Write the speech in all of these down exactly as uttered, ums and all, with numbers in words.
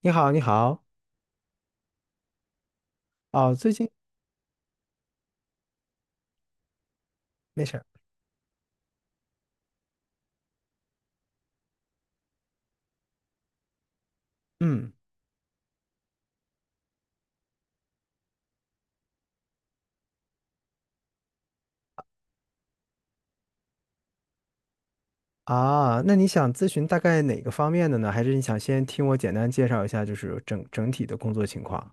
你好，你好。哦，最近。没事儿。嗯。啊，那你想咨询大概哪个方面的呢？还是你想先听我简单介绍一下，就是整整体的工作情况？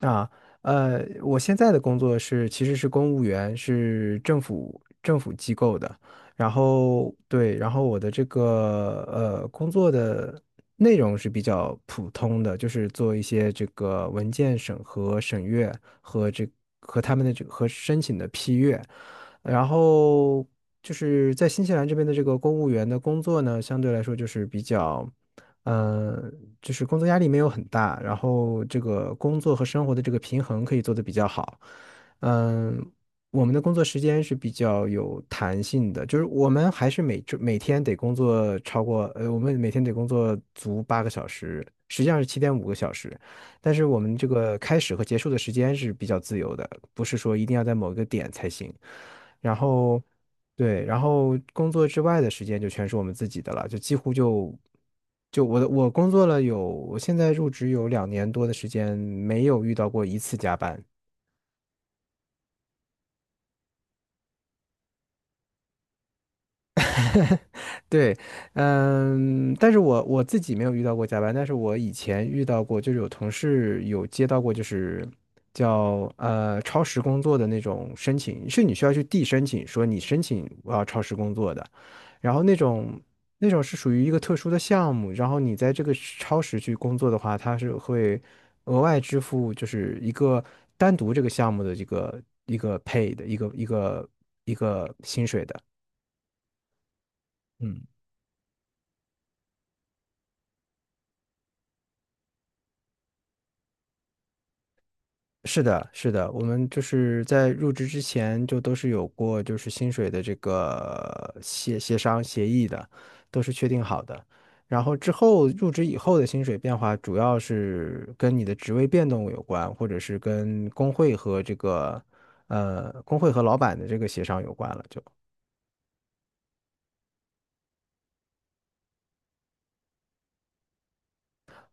啊。呃，我现在的工作是其实是公务员，是政府政府机构的。然后对，然后我的这个呃工作的内容是比较普通的，就是做一些这个文件审核、审阅和这和他们的这和申请的批阅。然后就是在新西兰这边的这个公务员的工作呢，相对来说就是比较。嗯，就是工作压力没有很大，然后这个工作和生活的这个平衡可以做得比较好。嗯，我们的工作时间是比较有弹性的，就是我们还是每周每天得工作超过，呃，我们每天得工作足八个小时，实际上是七点五个小时，但是我们这个开始和结束的时间是比较自由的，不是说一定要在某一个点才行。然后，对，然后工作之外的时间就全是我们自己的了，就几乎就就我的我工作了有，我现在入职有两年多的时间，没有遇到过一次加班。对。嗯。但是我我自己没有遇到过加班，但是我以前遇到过，就是有同事有接到过，就是叫呃超时工作的那种申请，是你需要去递申请，说你申请我要超时工作的，然后那种那种是属于一个特殊的项目，然后你在这个超时去工作的话，它是会额外支付，就是一个单独这个项目的这个一个 pay 的一个一个。嗯。是的，是的，我们就是在入职之前就都是有过就是薪水的这个协协商协议的，都是确定好的。然后之后入职以后的薪水变化，主要是跟你的职位变动有关，或者是跟工会和这个呃工会和老板的这个协商有关了。就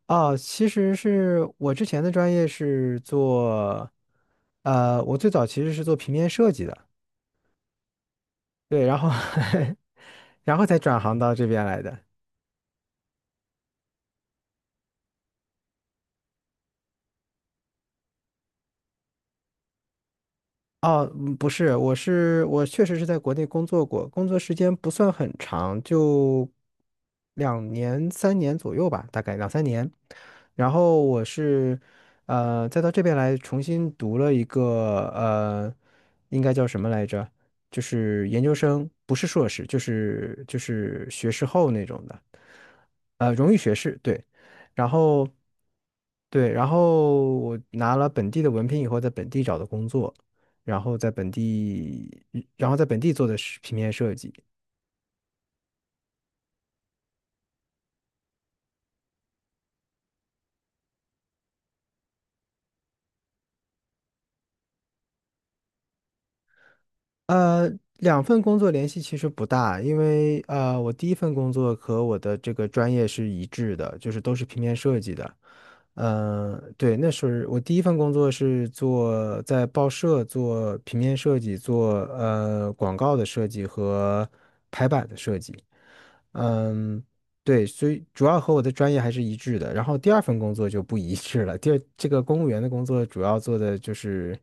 哦，其实是我之前的专业是做呃，我最早其实是做平面设计的。对，然后 然后才转行到这边来的。哦，嗯不是，我是我确实是在国内工作过，工作时间不算很长，就两年三年左右吧，大概两三年。然后我是呃，再到这边来重新读了一个呃，应该叫什么来着？就是研究生，不是硕士，就是就是学士后那种的。呃，荣誉学士，对，然后对，然后我拿了本地的文凭以后，在本地找的工作，然后在本地，然后在本地做的是平面设计。呃，两份工作联系其实不大，因为呃，我第一份工作和我的这个专业是一致的，就是都是平面设计的。嗯，对，那是我第一份工作是做在报社做平面设计，做呃广告的设计和排版的设计。嗯，对，所以主要和我的专业还是一致的。然后第二份工作就不一致了。第二，这个公务员的工作主要做的就是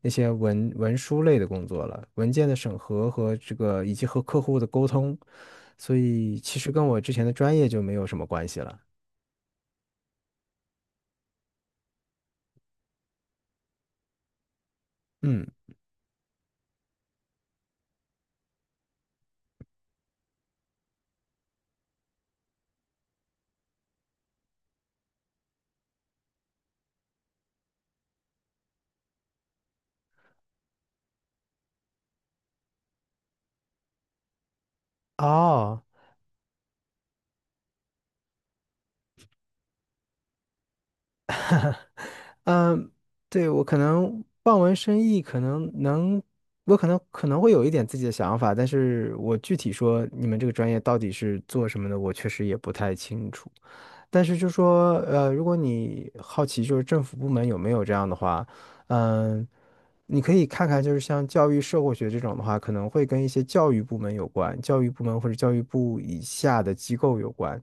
那些文文书类的工作了，文件的审核和这个以及和客户的沟通，所以其实跟我之前的专业就没有什么关系了。嗯。哦。嗯。对，我可能望文生意，可能能，我可能可能会有一点自己的想法，但是我具体说你们这个专业到底是做什么的，我确实也不太清楚。但是就说，呃，如果你好奇就是政府部门有没有这样的话，嗯，你可以看看就是像教育社会学这种的话，可能会跟一些教育部门有关，教育部门或者教育部以下的机构有关。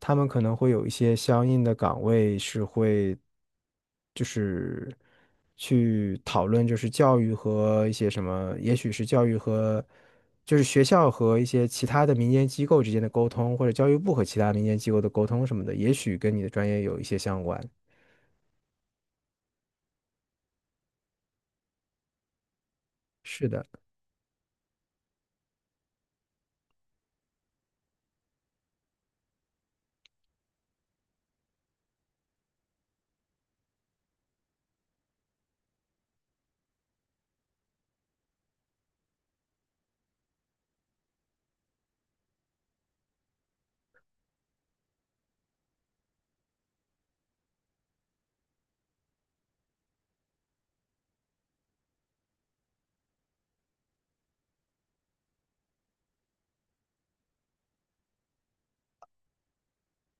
他们可能会有一些相应的岗位是会，就是去讨论，就是教育和一些什么，也许是教育和，就是学校和一些其他的民间机构之间的沟通，或者教育部和其他民间机构的沟通什么的，也许跟你的专业有一些相关。是的。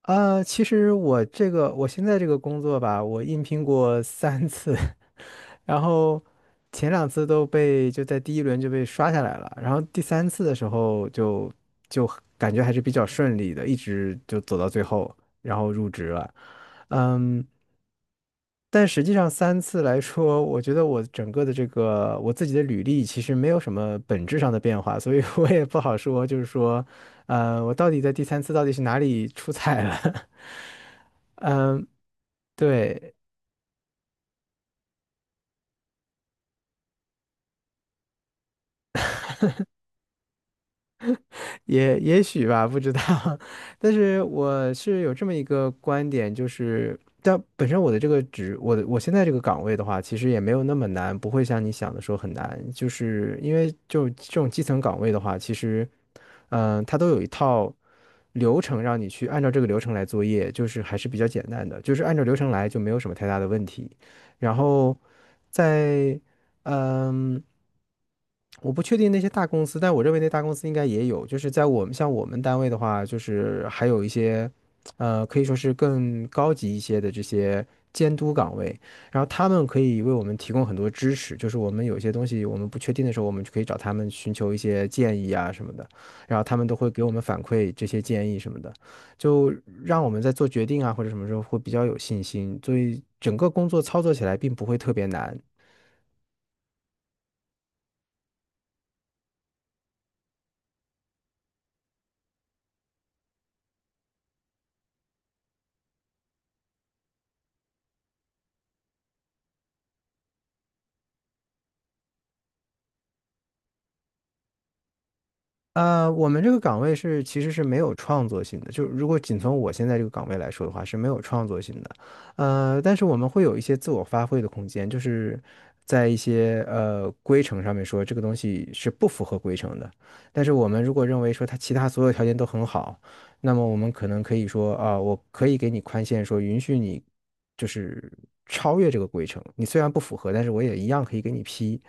啊，其实我这个我现在这个工作吧，我应聘过三次，然后前两次都被就在第一轮就被刷下来了，然后第三次的时候就就感觉还是比较顺利的，一直就走到最后，然后入职了。嗯。但实际上三次来说，我觉得我整个的这个我自己的履历其实没有什么本质上的变化，所以我也不好说，就是说，呃，我到底在第三次到底是哪里出彩了？嗯，对。也也许吧，不知道。但是我是有这么一个观点，就是，但本身我的这个职，我的我现在这个岗位的话，其实也没有那么难，不会像你想的说很难。就是因为就这种基层岗位的话，其实，嗯、它都有一套流程让你去按照这个流程来作业，就是还是比较简单的，就是按照流程来就没有什么太大的问题。然后在嗯。我不确定那些大公司，但我认为那大公司应该也有。就是在我们像我们单位的话，就是还有一些，呃，可以说是更高级一些的这些监督岗位，然后他们可以为我们提供很多支持。就是我们有一些东西我们不确定的时候，我们就可以找他们寻求一些建议啊什么的，然后他们都会给我们反馈这些建议什么的，就让我们在做决定啊或者什么时候会比较有信心。所以整个工作操作起来并不会特别难。呃，我们这个岗位是其实是没有创作性的，就如果仅从我现在这个岗位来说的话是没有创作性的，呃，但是我们会有一些自我发挥的空间，就是在一些呃规程上面说这个东西是不符合规程的，但是我们如果认为说它其他所有条件都很好，那么我们可能可以说啊，我可以给你宽限，说允许你就是超越这个规程，你虽然不符合，但是我也一样可以给你批。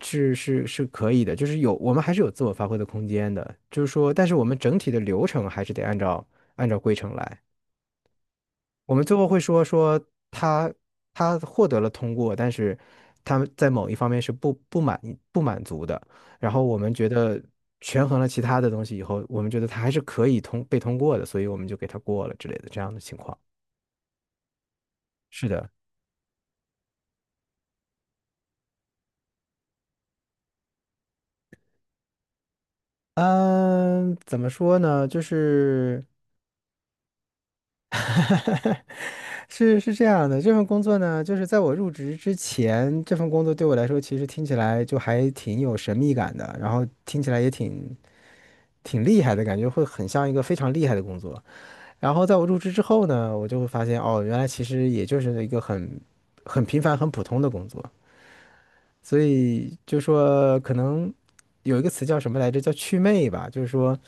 是是是可以的，就是有我们还是有自我发挥的空间的，就是说，但是我们整体的流程还是得按照按照规程来。我们最后会说说他他获得了通过，但是他在某一方面是不不满不满足的，然后我们觉得权衡了其他的东西以后，我们觉得他还是可以通被通过的，所以我们就给他过了之类的这样的情况。是的。嗯，怎么说呢？就是 是是这样的，这份工作呢，就是在我入职之前，这份工作对我来说，其实听起来就还挺有神秘感的，然后听起来也挺挺厉害的感觉，会很像一个非常厉害的工作。然后在我入职之后呢，我就会发现，哦，原来其实也就是一个很很平凡、很普通的工作。所以就说可能有一个词叫什么来着，叫祛魅吧，就是说。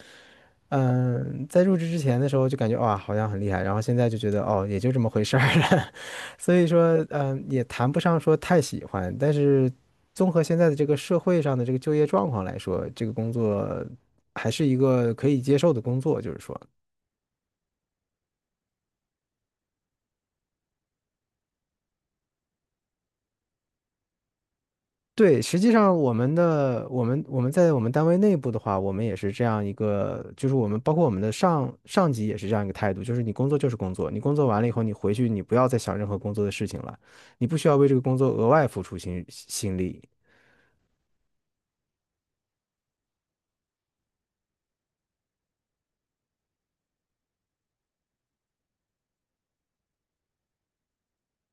嗯，在入职之前的时候就感觉哇，好像很厉害，然后现在就觉得哦，也就这么回事儿了。所以说，嗯，也谈不上说太喜欢，但是综合现在的这个社会上的这个就业状况来说，这个工作还是一个可以接受的工作，就是说。对，实际上我们的我们我们在我们单位内部的话，我们也是这样一个，就是我们包括我们的上上级也是这样一个态度，就是你工作就是工作，你工作完了以后，你回去你不要再想任何工作的事情了，你不需要为这个工作额外付出心心力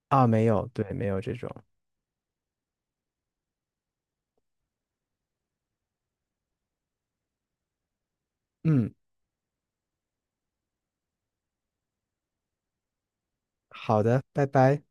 啊，没有，对，没有这种，嗯，好的，拜拜。